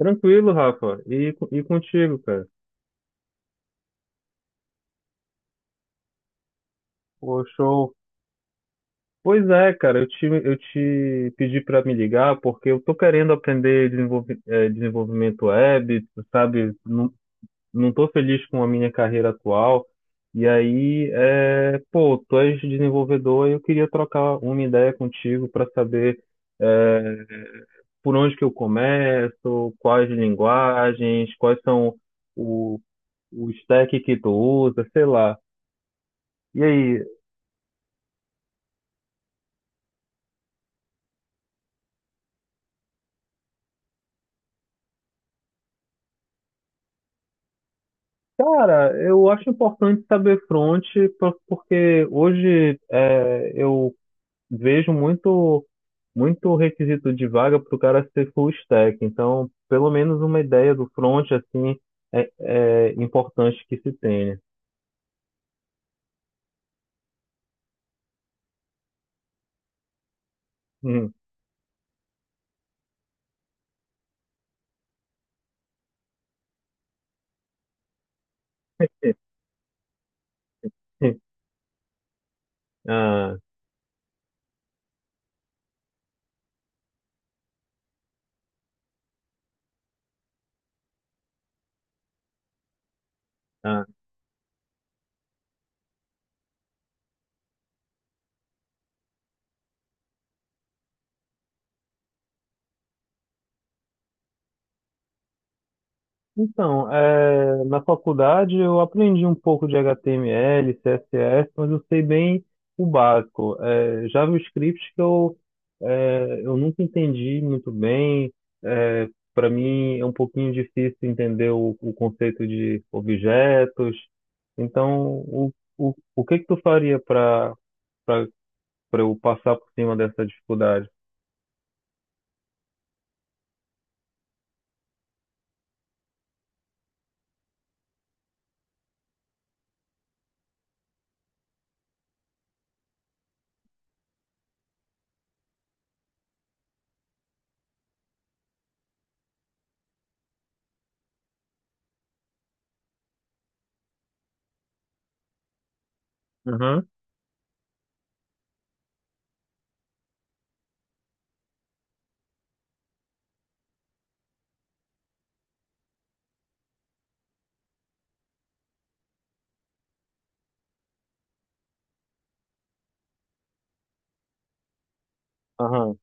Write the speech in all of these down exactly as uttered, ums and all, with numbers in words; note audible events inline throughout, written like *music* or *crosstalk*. Tranquilo, Rafa. E, co- e contigo, cara? Pô, show. Pois é, cara, eu te, eu te pedi para me ligar porque eu tô querendo aprender desenvolve, eh, desenvolvimento web, tu sabe? Não, não tô feliz com a minha carreira atual. E aí, é, pô, tu és desenvolvedor e eu queria trocar uma ideia contigo para saber, eh, por onde que eu começo, quais linguagens, quais são o, o stack que tu usa, sei lá. E aí, cara, eu acho importante saber front, por- porque hoje é, eu vejo muito, muito requisito de vaga para o cara ser full stack. Então, pelo menos uma ideia do front, assim, é, é importante que se tenha. Hum. *laughs* Ah, ah. Então, é, na faculdade eu aprendi um pouco de H T M L, C S S, mas eu sei bem o básico. É, JavaScript que eu, é, eu nunca entendi muito bem. É, Para mim é um pouquinho difícil entender o, o conceito de objetos. Então, o, o, o que que tu faria para para eu passar por cima dessa dificuldade? Aham, aham.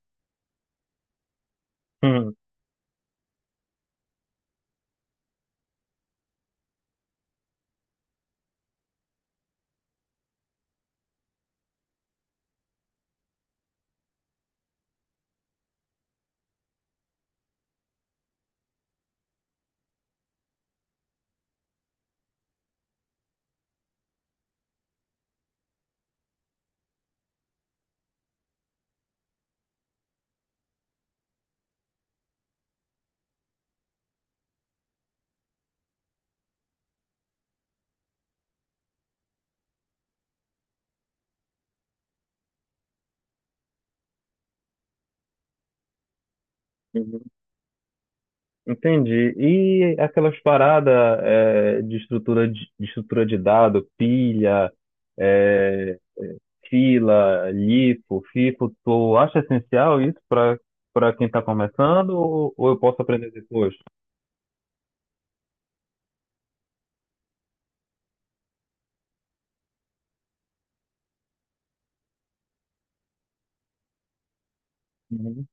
Hum. Entendi. E aquelas paradas é, de estrutura de, de estrutura de dado, pilha, é, fila, LIFO, FIFO, tu acha essencial isso para para quem está começando ou, ou eu posso aprender depois? Uhum,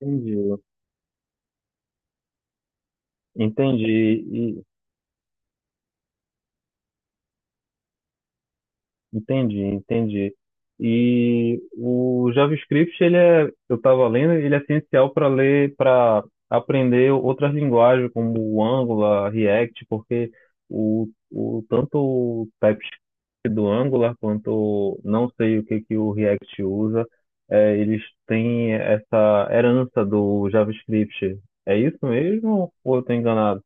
entendi. Entendi. Entendi, entendi. E o JavaScript, ele é, eu estava lendo, ele é essencial para ler, para aprender outras linguagens como o Angular, React, porque o, o tanto o TypeScript do Angular quanto não sei o que que o React usa, é, eles têm essa herança do JavaScript. É isso mesmo? Ou eu estou enganado?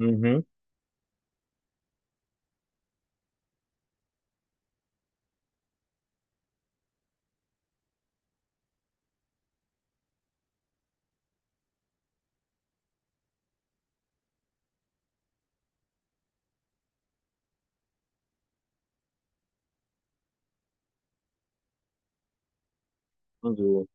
Uhum, entendi.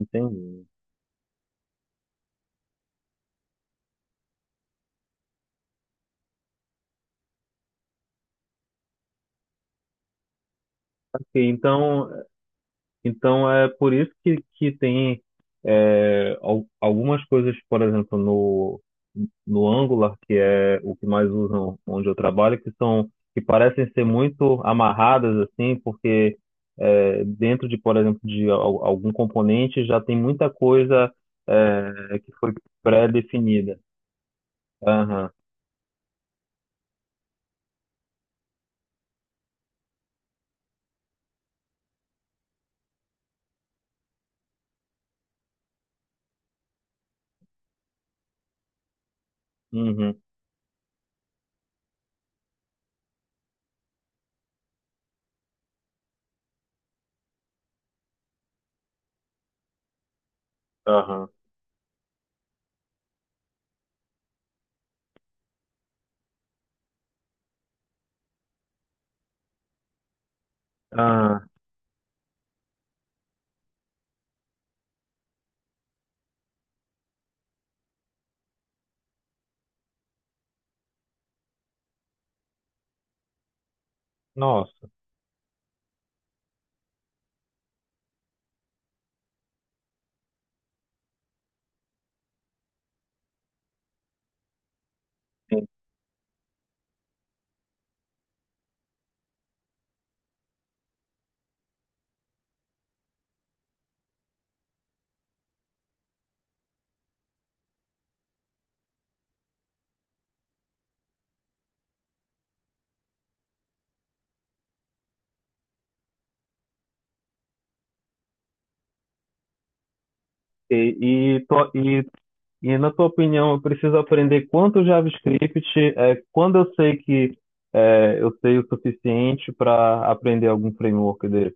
Entendi. Ok. Então, Então é por isso que, que tem é, al- algumas coisas, por exemplo, no, no Angular, que é o que mais usam onde eu trabalho, que são que parecem ser muito amarradas assim, porque é, dentro de, por exemplo, de al- algum componente já tem muita coisa é, que foi pré-definida. Aham, uhum, aham, aham. Nossa. E, e, to- e E na tua opinião, eu preciso aprender quanto JavaScript, é, quando eu sei que é, eu sei o suficiente para aprender algum framework dele?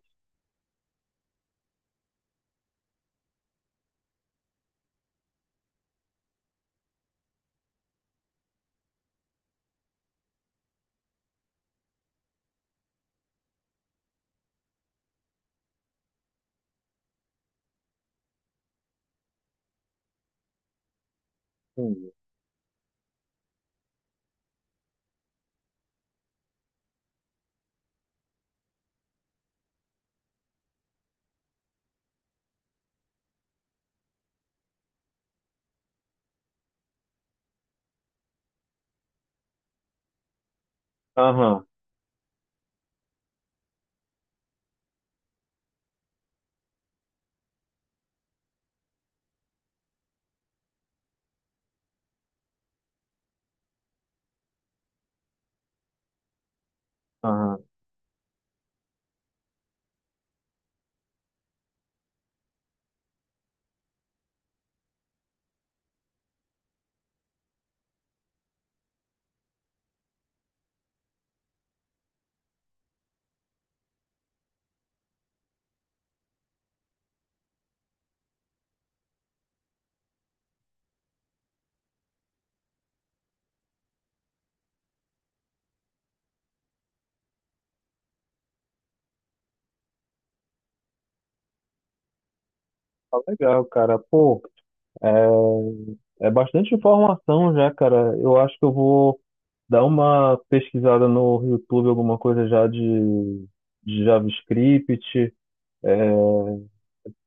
Entendi. Aham, aham. Tá legal, cara. Pô, é bastante informação já, cara. Eu acho que eu vou dar uma pesquisada no YouTube, alguma coisa já de, de JavaScript.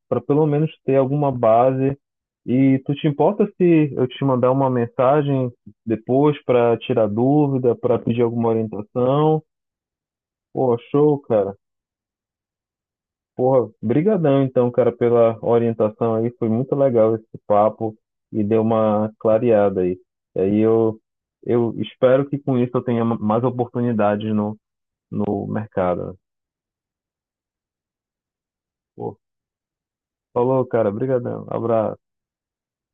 Para pelo menos ter alguma base. E tu te importa se eu te mandar uma mensagem depois para tirar dúvida, para pedir alguma orientação? Pô, show, cara. Porra, brigadão então, cara, pela orientação aí. Foi muito legal esse papo e deu uma clareada aí. E aí eu, eu espero que com isso eu tenha mais oportunidades no, no mercado. Pô, falou, cara. Brigadão. Abraço.